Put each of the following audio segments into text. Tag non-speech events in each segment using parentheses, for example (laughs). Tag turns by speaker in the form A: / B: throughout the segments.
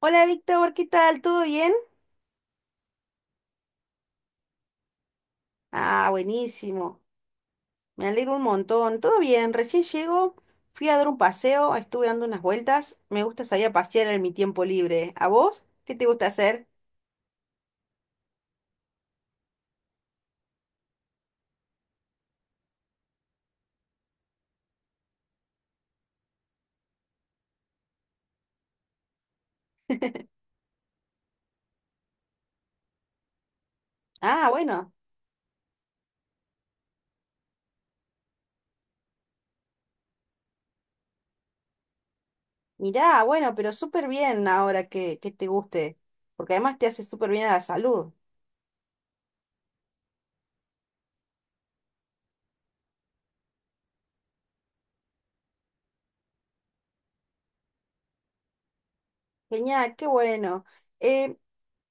A: Hola Víctor, ¿qué tal? ¿Todo bien? Ah, buenísimo. Me alegro un montón. Todo bien, recién llego, fui a dar un paseo, estuve dando unas vueltas. Me gusta salir a pasear en mi tiempo libre. ¿A vos? ¿Qué te gusta hacer? Ah, bueno, mirá, bueno, pero súper bien ahora que, te guste, porque además te hace súper bien a la salud. Genial, qué bueno. Eh,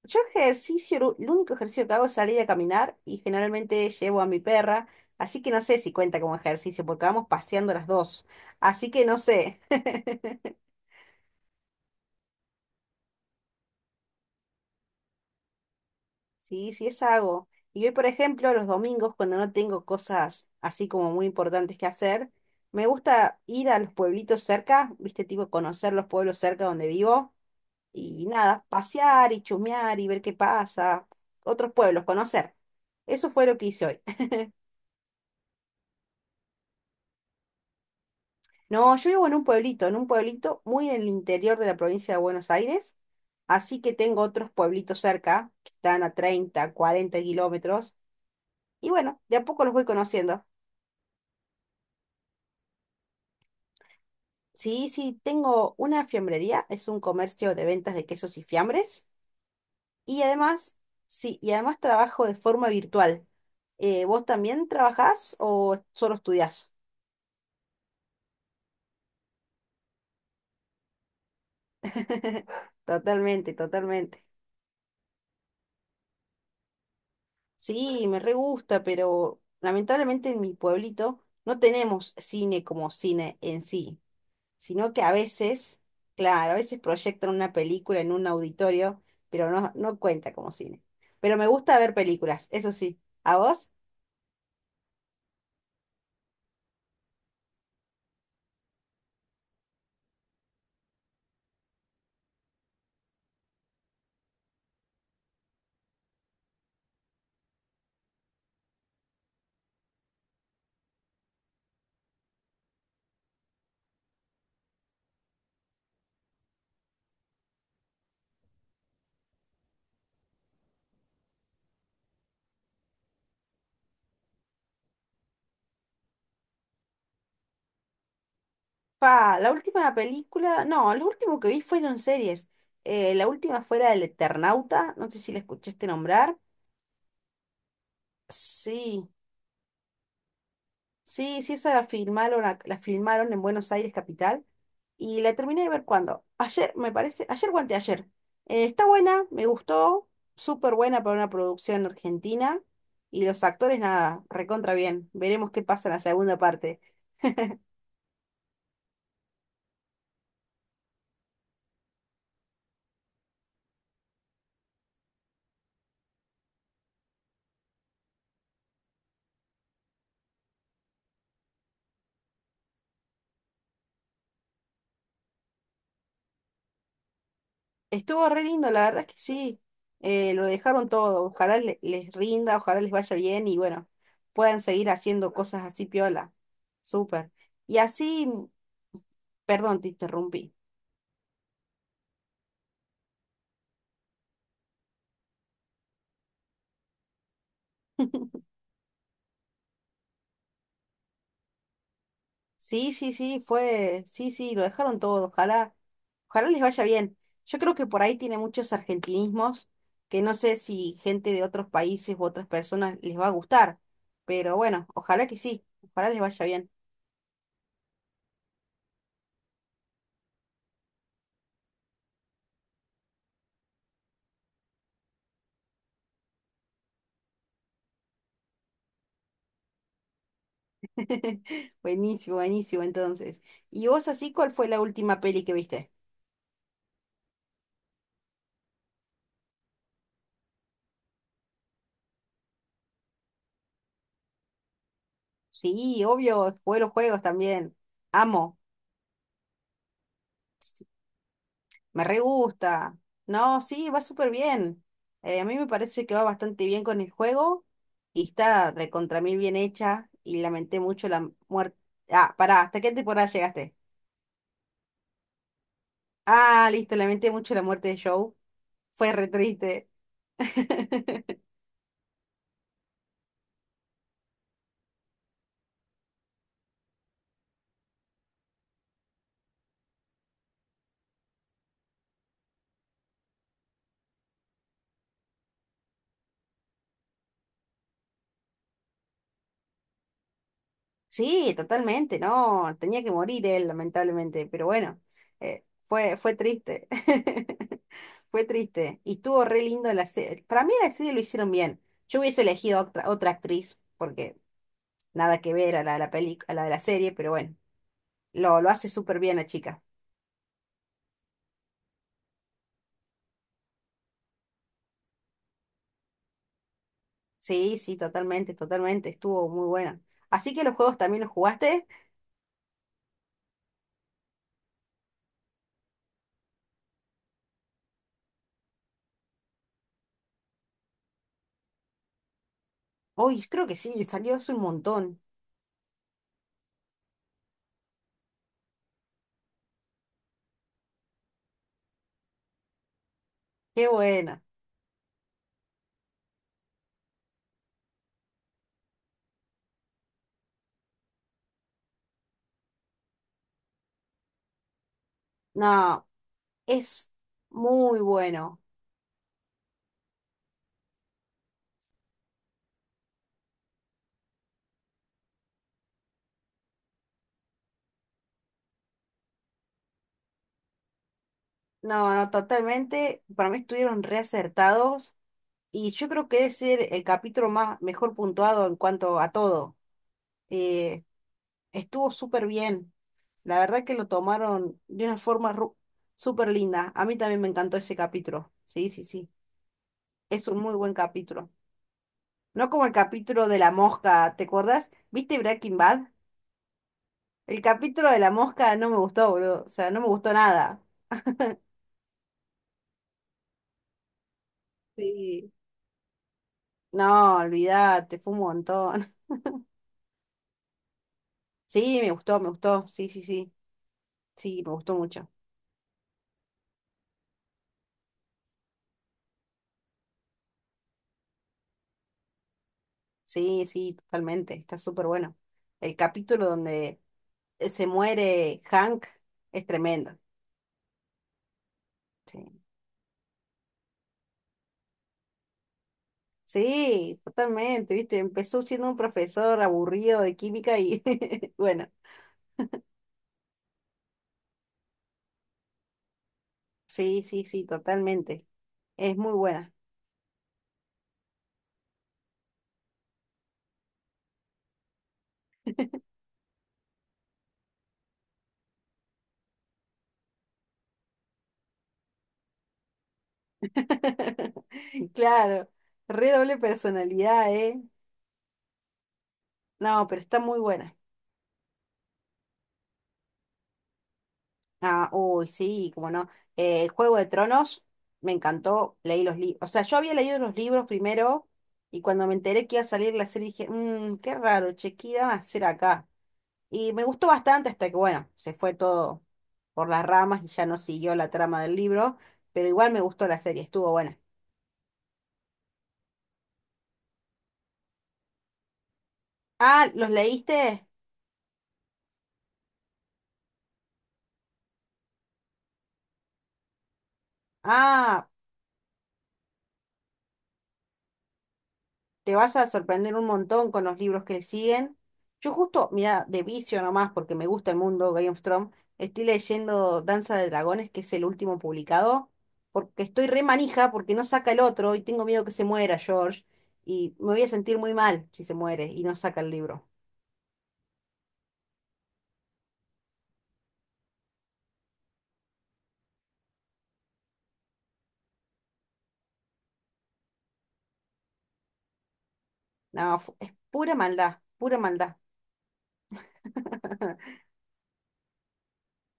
A: Yo ejercicio, el único ejercicio que hago es salir a caminar y generalmente llevo a mi perra, así que no sé si cuenta como ejercicio porque vamos paseando las dos, así que no sé. (laughs) Sí, sí es algo. Y hoy, por ejemplo, los domingos, cuando no tengo cosas así como muy importantes que hacer, me gusta ir a los pueblitos cerca, viste, tipo conocer los pueblos cerca donde vivo y nada, pasear y chusmear y ver qué pasa, otros pueblos, conocer. Eso fue lo que hice hoy. No, yo vivo en un pueblito muy en el interior de la provincia de Buenos Aires, así que tengo otros pueblitos cerca, que están a 30, 40 km, y bueno, de a poco los voy conociendo. Sí, sí, tengo una fiambrería, es un comercio de ventas de quesos y fiambres, y además, sí, y además trabajo de forma virtual. ¿Vos también trabajás o solo estudiás? (laughs) Totalmente, totalmente. Sí, me re gusta, pero lamentablemente en mi pueblito no tenemos cine como cine en sí, sino que a veces, claro, a veces proyectan una película en un auditorio, pero no, no cuenta como cine. Pero me gusta ver películas, eso sí. ¿A vos? Pa, la última película, no, lo último que vi fueron series. La última fue la del Eternauta, no sé si la escuchaste nombrar. Sí. Sí, sí, esa la filmaron, la filmaron en Buenos Aires capital y la terminé de ver cuando, ayer, me parece, ayer o anteayer. Está buena, me gustó, súper buena para una producción argentina y los actores nada, recontra bien. Veremos qué pasa en la segunda parte. Estuvo re lindo, la verdad es que sí, lo dejaron todo. Ojalá les rinda, ojalá les vaya bien y bueno, puedan seguir haciendo cosas así piola. Súper. Y así, perdón, te interrumpí. (laughs) Sí, sí, sí, fue, sí, sí, lo dejaron todo, ojalá, ojalá les vaya bien. Yo creo que por ahí tiene muchos argentinismos que no sé si gente de otros países u otras personas les va a gustar, pero bueno, ojalá que sí, ojalá les vaya bien. (laughs) Buenísimo, buenísimo entonces. ¿Y vos así cuál fue la última peli que viste? Sí, obvio, jugué los juegos también. Amo. Me re gusta. No, sí, va súper bien. A mí me parece que va bastante bien con el juego y está recontra mil bien hecha y lamenté mucho la muerte. Ah, pará, ¿hasta qué temporada llegaste? Ah, listo, lamenté mucho la muerte de Joe. Fue re triste. (laughs) Sí, totalmente, no, tenía que morir él, lamentablemente, pero bueno, fue triste, (laughs) fue triste, y estuvo re lindo la serie, para mí la serie lo hicieron bien, yo hubiese elegido otra actriz, porque nada que ver a la de la peli, a la de la serie, pero bueno, lo hace súper bien la chica, sí, sí, totalmente, totalmente, estuvo muy buena, así que los juegos también los jugaste, uy, creo que sí, salió hace un montón, qué buena, no, es muy bueno. No, no, totalmente. Para mí estuvieron reacertados y yo creo que debe ser el capítulo más mejor puntuado en cuanto a todo. Eh, estuvo súper bien. La verdad que lo tomaron de una forma súper linda. A mí también me encantó ese capítulo. Sí, sí, sí. Es un muy buen capítulo. No como el capítulo de la mosca, ¿te acuerdas? ¿Viste Breaking Bad? El capítulo de la mosca no me gustó, boludo. O sea, no me gustó nada. Sí. No, olvídate, fue un montón. Sí, me gustó, me gustó. Sí, sí, sí. Sí, me gustó mucho. Sí, sí, totalmente. Está súper bueno. El capítulo donde se muere Hank es tremendo. Sí. Sí, totalmente, ¿viste? Empezó siendo un profesor aburrido de química y (laughs) bueno, sí, sí, sí, totalmente. Es muy buena. (laughs) Claro, re doble personalidad, ¿eh? No, pero está muy buena. Ah, uy, sí, como no. Juego de Tronos, me encantó, leí los libros. O sea, yo había leído los libros primero y cuando me enteré que iba a salir la serie dije, mmm, qué raro, che, ¿qué irán a hacer acá? Y me gustó bastante hasta que, bueno, se fue todo por las ramas y ya no siguió la trama del libro, pero igual me gustó la serie, estuvo buena. Ah, ¿los leíste? Ah, te vas a sorprender un montón con los libros que le siguen. Yo justo, mira, de vicio nomás, porque me gusta el mundo Game of Thrones, estoy leyendo Danza de Dragones, que es el último publicado, porque estoy re manija, porque no saca el otro y tengo miedo que se muera George, y me voy a sentir muy mal si se muere y no saca el libro. No, es pura maldad, pura maldad. (laughs)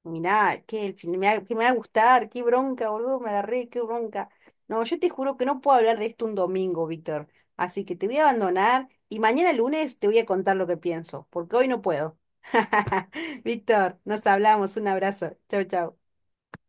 A: Mirá, que el fin me va, que me va a gustar, qué bronca, boludo, me agarré, qué bronca. No, yo te juro que no puedo hablar de esto un domingo, Víctor. Así que te voy a abandonar y mañana lunes te voy a contar lo que pienso, porque hoy no puedo. (laughs) Víctor, nos hablamos, un abrazo. Chau, chau.